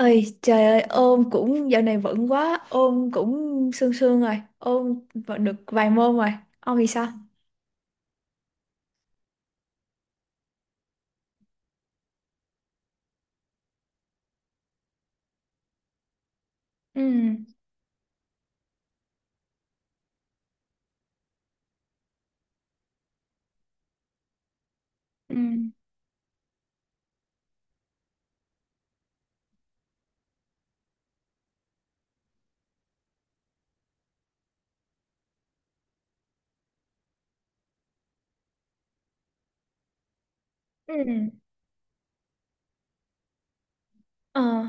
Ơi trời ơi, ôn cũng dạo này vẫn quá, ôn cũng sương sương rồi, ôn vẫn được vài môn rồi. Ông thì sao? Ừ, ừ, ừ. Ờ.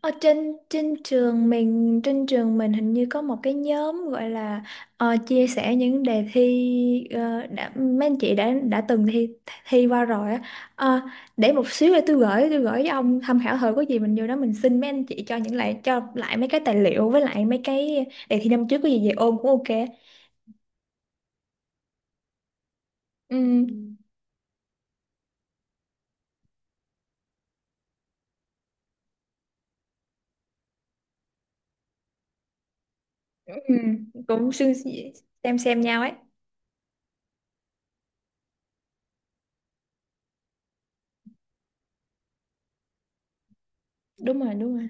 Ở trên trên trường mình hình như có một cái nhóm gọi là chia sẻ những đề thi, mấy anh chị đã từng thi thi qua rồi á. Ờ, để một xíu để tôi gửi với ông tham khảo thử, có gì mình vô đó mình xin mấy anh chị cho lại mấy cái tài liệu với lại mấy cái đề thi năm trước, có gì về ôn cũng ok. Ừ, ừ, ừ, cũng xương- xem nhau ấy. Đúng rồi, đúng rồi.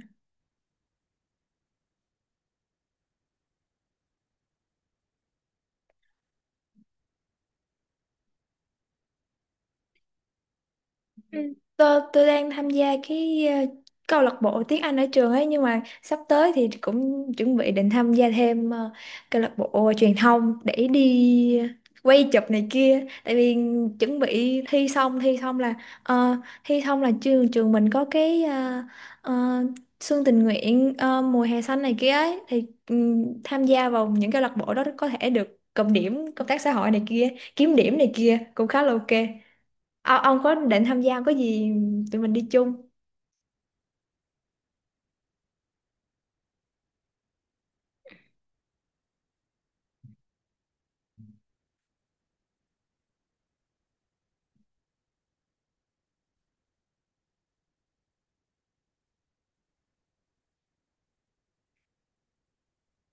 Ừ. Tôi đang tham gia cái câu lạc bộ tiếng Anh ở trường ấy, nhưng mà sắp tới thì cũng chuẩn bị định tham gia thêm câu lạc bộ truyền thông để đi quay chụp này kia. Tại vì chuẩn bị ờ, thi xong là trường trường mình có cái ờ, xuân tình nguyện, mùa hè xanh này kia ấy, thì tham gia vào những câu lạc bộ đó có thể được cộng điểm công tác xã hội này kia, kiếm điểm này kia cũng khá là ok. Ông có định tham gia không? Có gì tụi mình đi chung.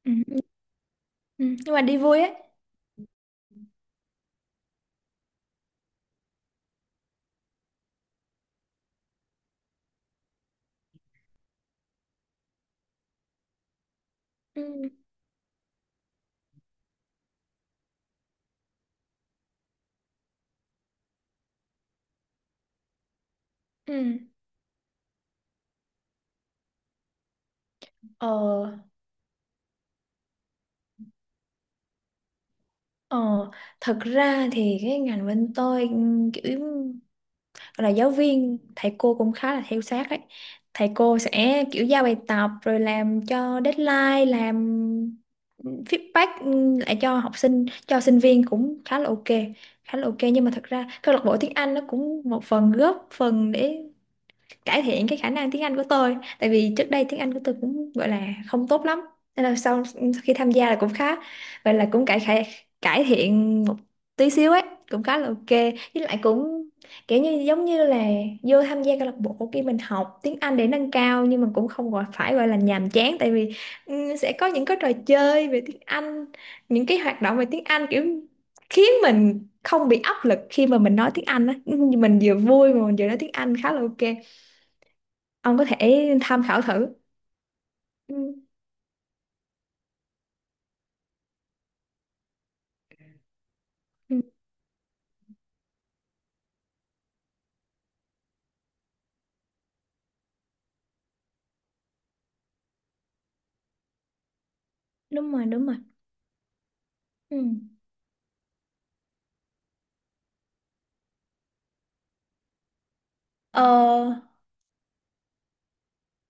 Ừ. Ừ. Nhưng mà đi vui ấy. Ừ. Ừ. Ờ, ờ, Thật ra thì cái ngành bên tôi kiểu gọi là giáo viên, thầy cô cũng khá là theo sát ấy. Thầy cô sẽ kiểu giao bài tập rồi làm cho deadline, làm feedback lại cho học sinh cho sinh viên cũng khá là ok, khá là ok. Nhưng mà thật ra câu lạc bộ tiếng Anh nó cũng một phần góp phần để cải thiện cái khả năng tiếng Anh của tôi. Tại vì trước đây tiếng Anh của tôi cũng gọi là không tốt lắm, nên là sau, khi tham gia là cũng khá, vậy là cũng cải cải cải thiện một tí xíu ấy, cũng khá là ok. Với lại cũng kiểu như giống như là vô tham gia câu lạc bộ kia, mình học tiếng Anh để nâng cao, nhưng mà cũng không gọi phải gọi là nhàm chán. Tại vì sẽ có những cái trò chơi về tiếng Anh, những cái hoạt động về tiếng Anh kiểu khiến mình không bị áp lực khi mà mình nói tiếng Anh á, mình vừa vui mà mình vừa nói tiếng Anh khá là ok. Ông có thể tham khảo thử. Ừ. Ừ. Đúng rồi, đúng rồi. Ừ. ờ,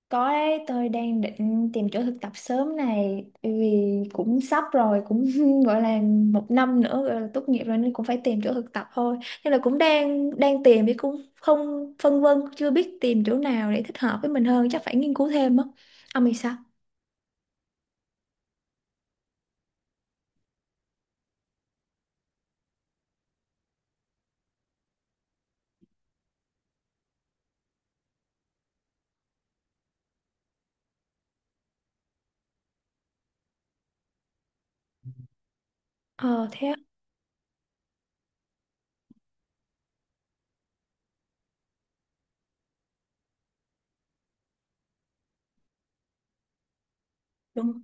có đấy, tôi đang định tìm chỗ thực tập sớm này. Bởi vì cũng sắp rồi, cũng gọi là một năm nữa gọi là tốt nghiệp rồi, nên cũng phải tìm chỗ thực tập thôi. Nên là cũng đang đang tìm, chứ cũng không, phân vân chưa biết tìm chỗ nào để thích hợp với mình hơn, chắc phải nghiên cứu thêm á. Ông thì sao? Ờ thế á. Đúng,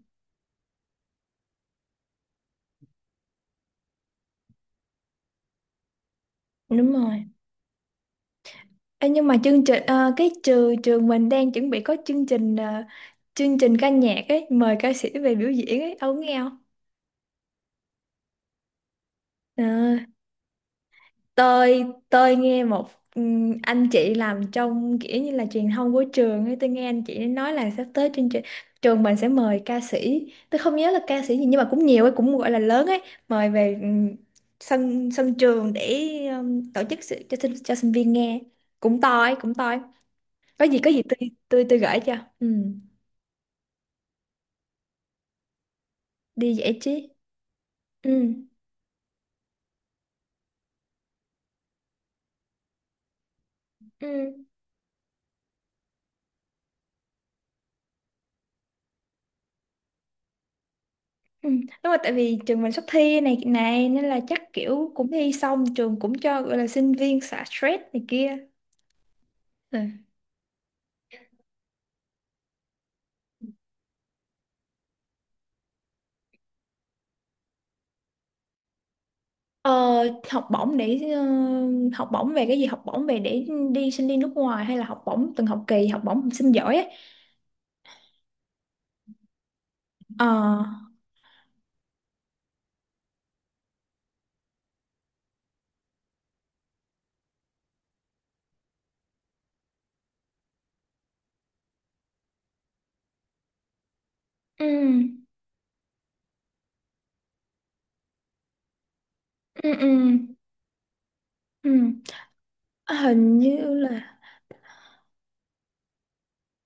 đúng rồi. Ê, nhưng mà chương trình cái trường mình đang chuẩn bị có chương trình, chương trình ca nhạc ấy, mời ca sĩ về biểu diễn ấy, ông nghe không? Ờ, tôi tôi nghe một anh chị làm trong kiểu như là truyền thông của trường ấy. Tôi nghe anh chị nói là sắp tới chương trình trường mình sẽ mời ca sĩ, tôi không nhớ là ca sĩ gì, nhưng mà cũng nhiều ấy, cũng gọi là lớn ấy. Mời về sân sân trường để tổ chức sự, cho sinh viên nghe, cũng to ấy, cũng to ấy. Có gì, có gì tôi, tôi gửi cho. Ừ. Đi giải trí. Ừ, ừ, ừ. Đúng rồi, tại vì trường mình sắp thi này này nên là chắc kiểu cũng thi xong trường cũng cho gọi là sinh viên xả stress này kia. Ừ. ờ, Học bổng để, học bổng về cái gì? Học bổng về để đi đi nước ngoài, hay là học bổng từng học kỳ, học bổng học sinh giỏi ấy? Ờ. Ừ, ừ, ừ, ừ. À, hình như là.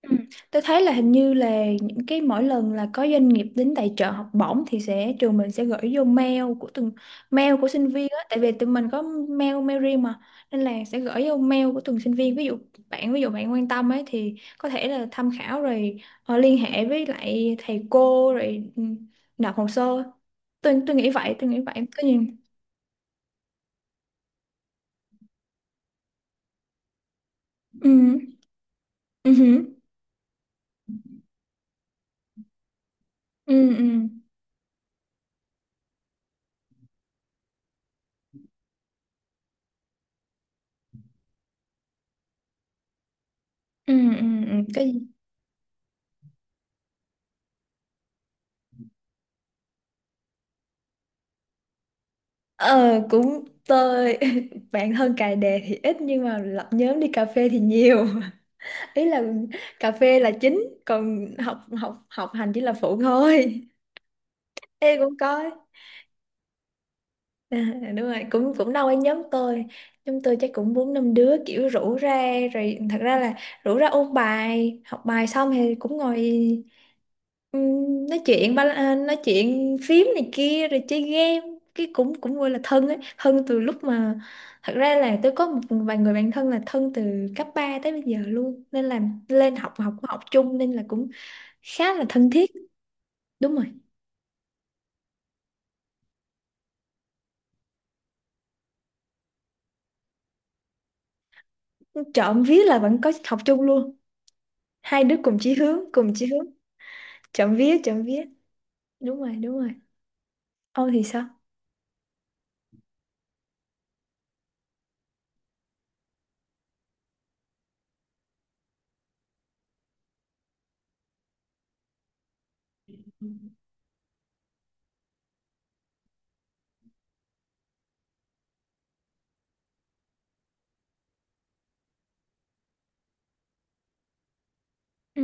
Ừ. Tôi thấy là hình như là những cái mỗi lần là có doanh nghiệp đến tài trợ học bổng thì sẽ trường mình sẽ gửi vô mail của từng, mail của sinh viên á. Tại vì tụi mình có mail mail riêng mà, nên là sẽ gửi vô mail của từng sinh viên. Ví dụ bạn quan tâm ấy thì có thể là tham khảo rồi liên hệ với lại thầy cô rồi nộp hồ sơ. Tôi nghĩ vậy, có gì. Ừ, ừ, ừ, ừ, ừ, ừ, ừ, ừ. Cái gì? Ờ Cũng tôi, bạn thân cài đề thì ít, nhưng mà lập nhóm đi cà phê thì nhiều. Ý là cà phê là chính, còn học học học hành chỉ là phụ thôi. Em cũng có. À, đúng rồi, cũng cũng đâu ở nhóm tôi, nhóm tôi chắc cũng bốn năm đứa kiểu rủ ra rồi. Thật ra là rủ ra ôn bài, học bài xong thì cũng ngồi. Nói chuyện nói chuyện phím này kia rồi chơi game. Cái cũng cũng gọi là thân ấy, thân từ lúc mà, thật ra là tôi có một vài người bạn thân là thân từ cấp 3 tới bây giờ luôn, nên là lên học học học chung, nên là cũng khá là thân thiết. Đúng rồi, trộm vía là vẫn có học chung luôn. Hai đứa cùng chí hướng, cùng chí hướng. Trộm vía, trộm vía. Đúng rồi, đúng rồi. Ô thì sao? Ừ,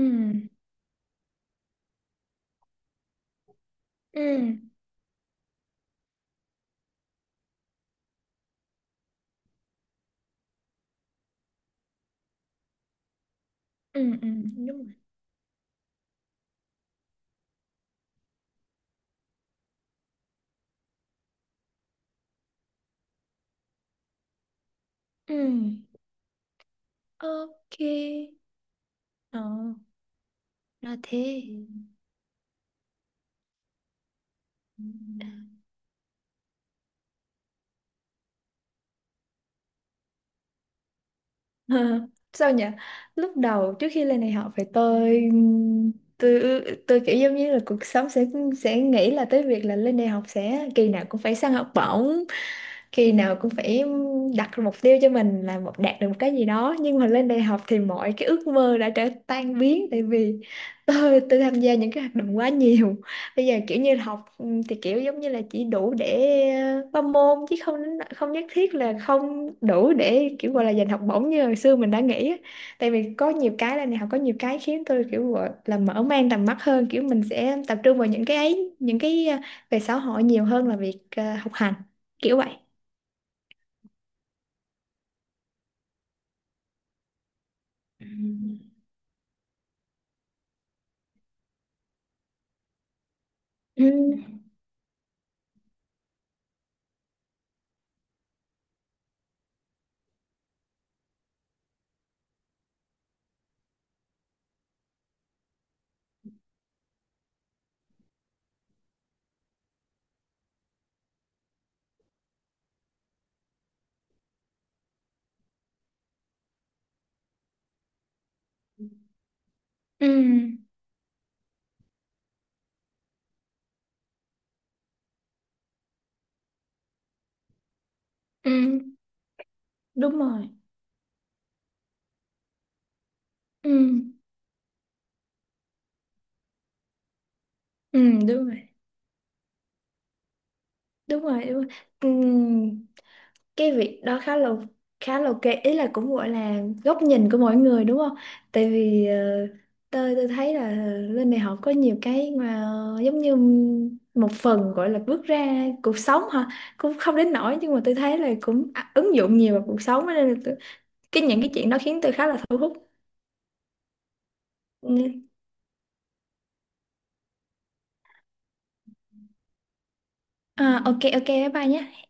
ừ, ừ, ừ. Đúng rồi. Ừ. Ok. Ờ, là thế. Ờ, Sao nhỉ, lúc đầu trước khi lên đại học phải, tôi tôi kiểu giống như là cuộc sống sẽ, nghĩ là tới việc là lên đại học sẽ kỳ nào cũng phải săn học bổng, khi nào cũng phải đặt ra mục tiêu cho mình là một đạt được một cái gì đó. Nhưng mà lên đại học thì mọi cái ước mơ đã trở tan biến. Tại vì tôi tham gia những cái hoạt động quá nhiều. Bây giờ kiểu như học thì kiểu giống như là chỉ đủ để qua môn, chứ không không nhất thiết là, không đủ để kiểu gọi là giành học bổng như hồi xưa mình đã nghĩ á. Tại vì có nhiều cái là, đại học có nhiều cái khiến tôi kiểu gọi là mở mang tầm mắt hơn, kiểu mình sẽ tập trung vào những cái ấy, những cái về xã hội nhiều hơn là việc học hành, kiểu vậy. Ừ. Ừ. Ừ. Ừ. Đúng rồi. Ừ. Ừ. Đúng rồi. Đúng rồi. Đúng rồi. Ừ. Cái việc đó khá là, khá là ok. Ý là cũng gọi là góc nhìn của mỗi người, đúng không? Tại vì tôi thấy là lên đại học có nhiều cái mà giống như một phần gọi là bước ra cuộc sống hả? Cũng không đến nỗi, nhưng mà tôi thấy là cũng ứng dụng nhiều vào cuộc sống á, nên là tôi, cái những cái chuyện đó khiến tôi khá là thu hút. Ừ. À, ok ok, bye bye nhé.